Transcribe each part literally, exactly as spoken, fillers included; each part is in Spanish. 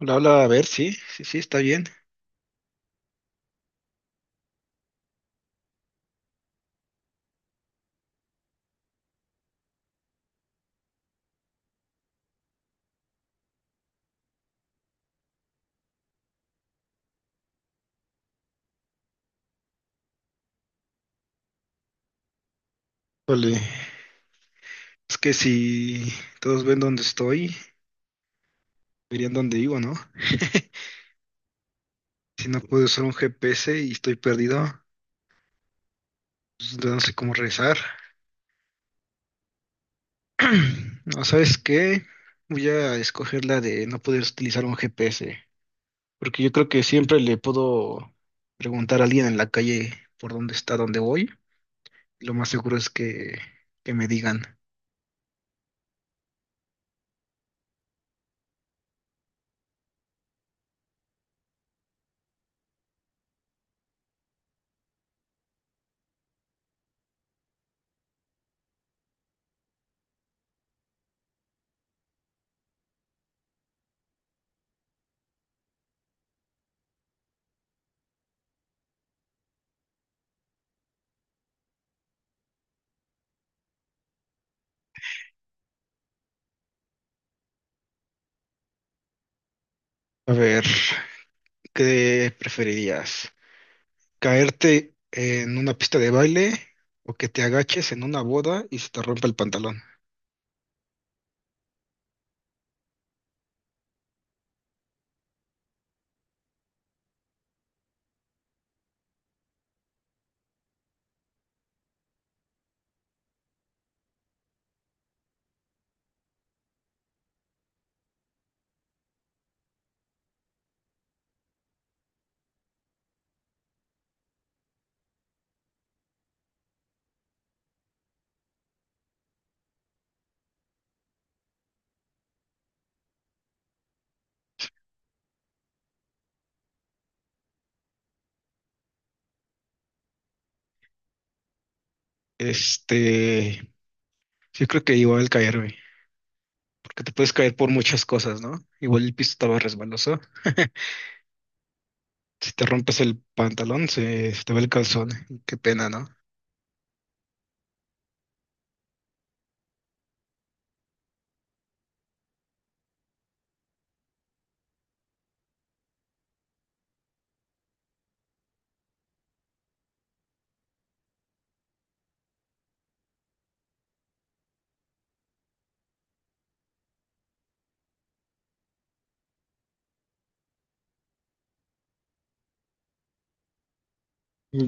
Hola, hola, a ver, sí, sí, sí, está bien. Híjole, es que si todos ven dónde estoy, verían dónde vivo, ¿no? Si no puedo usar un G P S y estoy perdido, pues, no sé cómo regresar. No, ¿sabes qué? Voy a escoger la de no poder utilizar un G P S, porque yo creo que siempre le puedo preguntar a alguien en la calle por dónde está, dónde voy. Lo más seguro es que, que me digan. A ver, ¿qué preferirías? ¿Caerte en una pista de baile o que te agaches en una boda y se te rompa el pantalón? Este, yo creo que igual caerme, porque te puedes caer por muchas cosas, ¿no? Igual el piso estaba resbaloso. Si te rompes el pantalón, se, se te va el calzón. Qué pena, ¿no?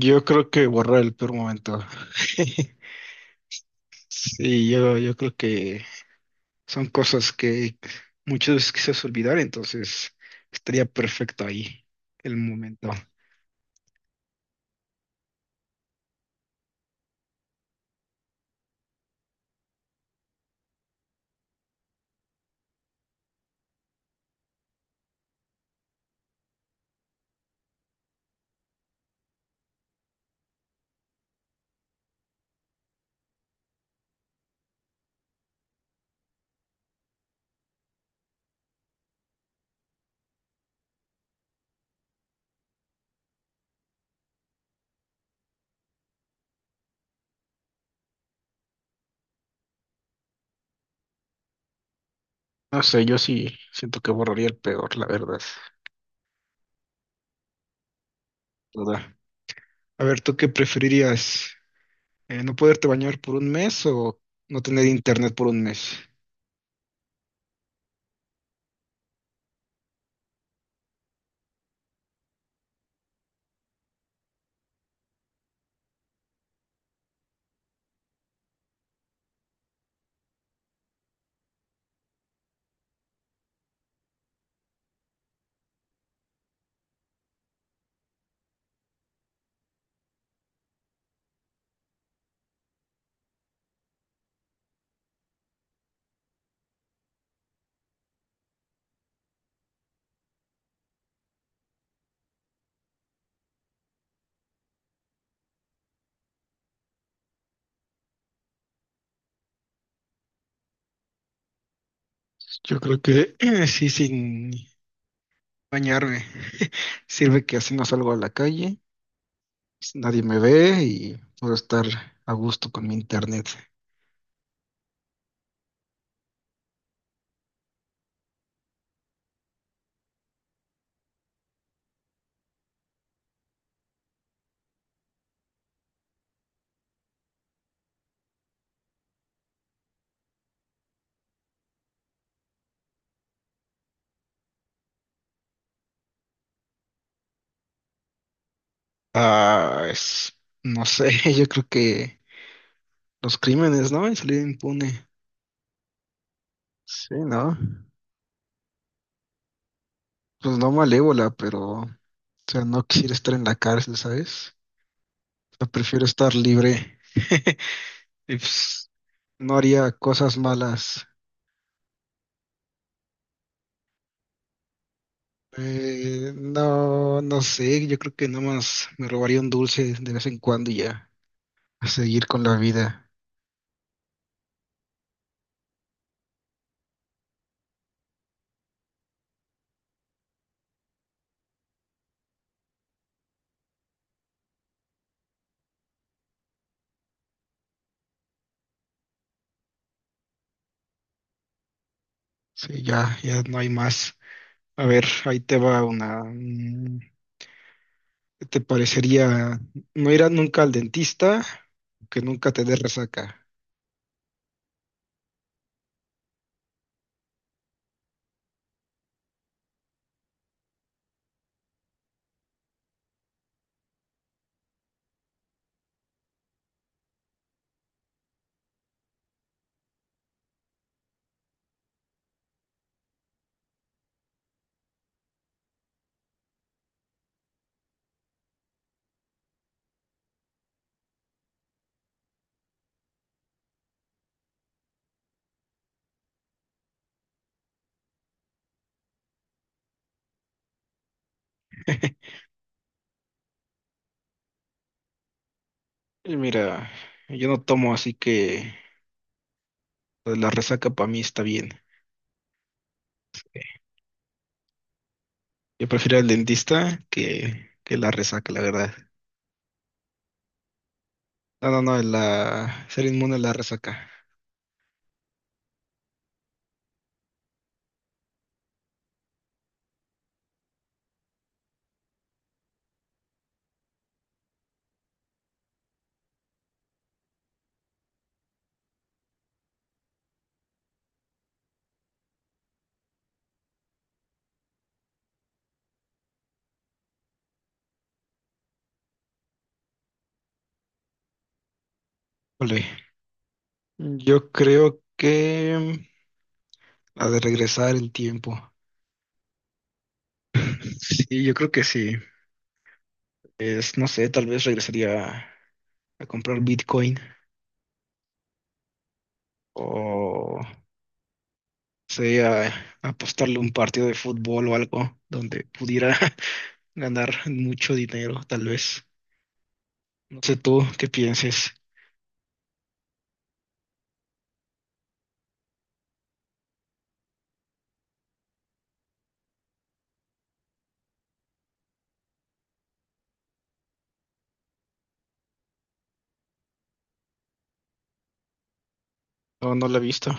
Yo creo que borrar el peor momento. Sí, yo, yo creo que son cosas que muchas veces quisieras olvidar, entonces estaría perfecto ahí el momento. No sé, yo sí siento que borraría el peor, la verdad. Toda. A ver, ¿tú qué preferirías? Eh, ¿no poderte bañar por un mes o no tener internet por un mes? Yo creo que eh, sí, sin bañarme. Sirve que así no salgo a la calle, nadie me ve y puedo estar a gusto con mi internet. Ah, es, no sé, yo creo que los crímenes, ¿no? Y salir impune. Sí, ¿no? Pues no malévola, pero, o sea, no quiero estar en la cárcel, ¿sabes? O sea, prefiero estar libre. Y pues, no haría cosas malas. Eh, no, no sé, yo creo que nomás me robaría un dulce de vez en cuando y ya. A seguir con la vida. Sí, ya, ya no hay más. A ver, ahí te va una. mm, ¿Qué te parecería no ir a nunca al dentista? Que nunca te dé resaca. Y mira, yo no tomo, así que lo de la resaca para mí está bien. Yo prefiero el dentista que, que la resaca, la verdad. No, no, no, la, ser inmune a la resaca. Ole. Yo creo que la de regresar el tiempo. Sí, yo creo que sí. Es, no sé, tal vez regresaría a comprar Bitcoin, o sea, a apostarle un partido de fútbol o algo donde pudiera ganar mucho dinero, tal vez. No sé tú qué pienses. No, no la he visto.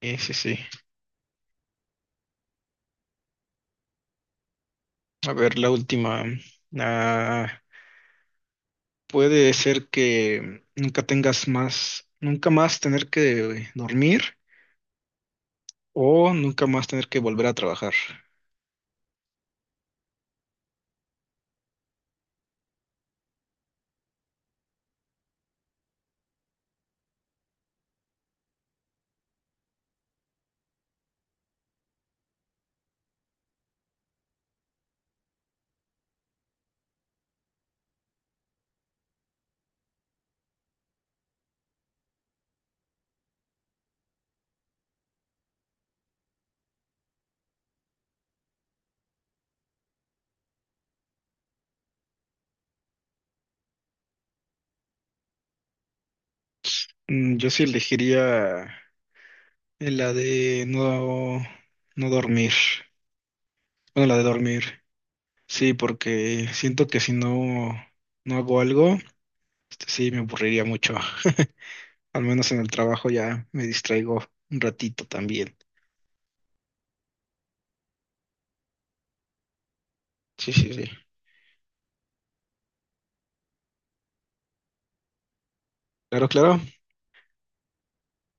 Sí, sí, sí. A ver, la última. Ah, puede ser que nunca tengas más, nunca más tener que dormir o nunca más tener que volver a trabajar. Mm, Yo sí elegiría la de no, no dormir. Bueno, la de dormir. Sí, porque siento que si no, no hago algo, este, sí me aburriría mucho. Al menos en el trabajo ya me distraigo un ratito también. Sí, sí, sí. Claro, claro.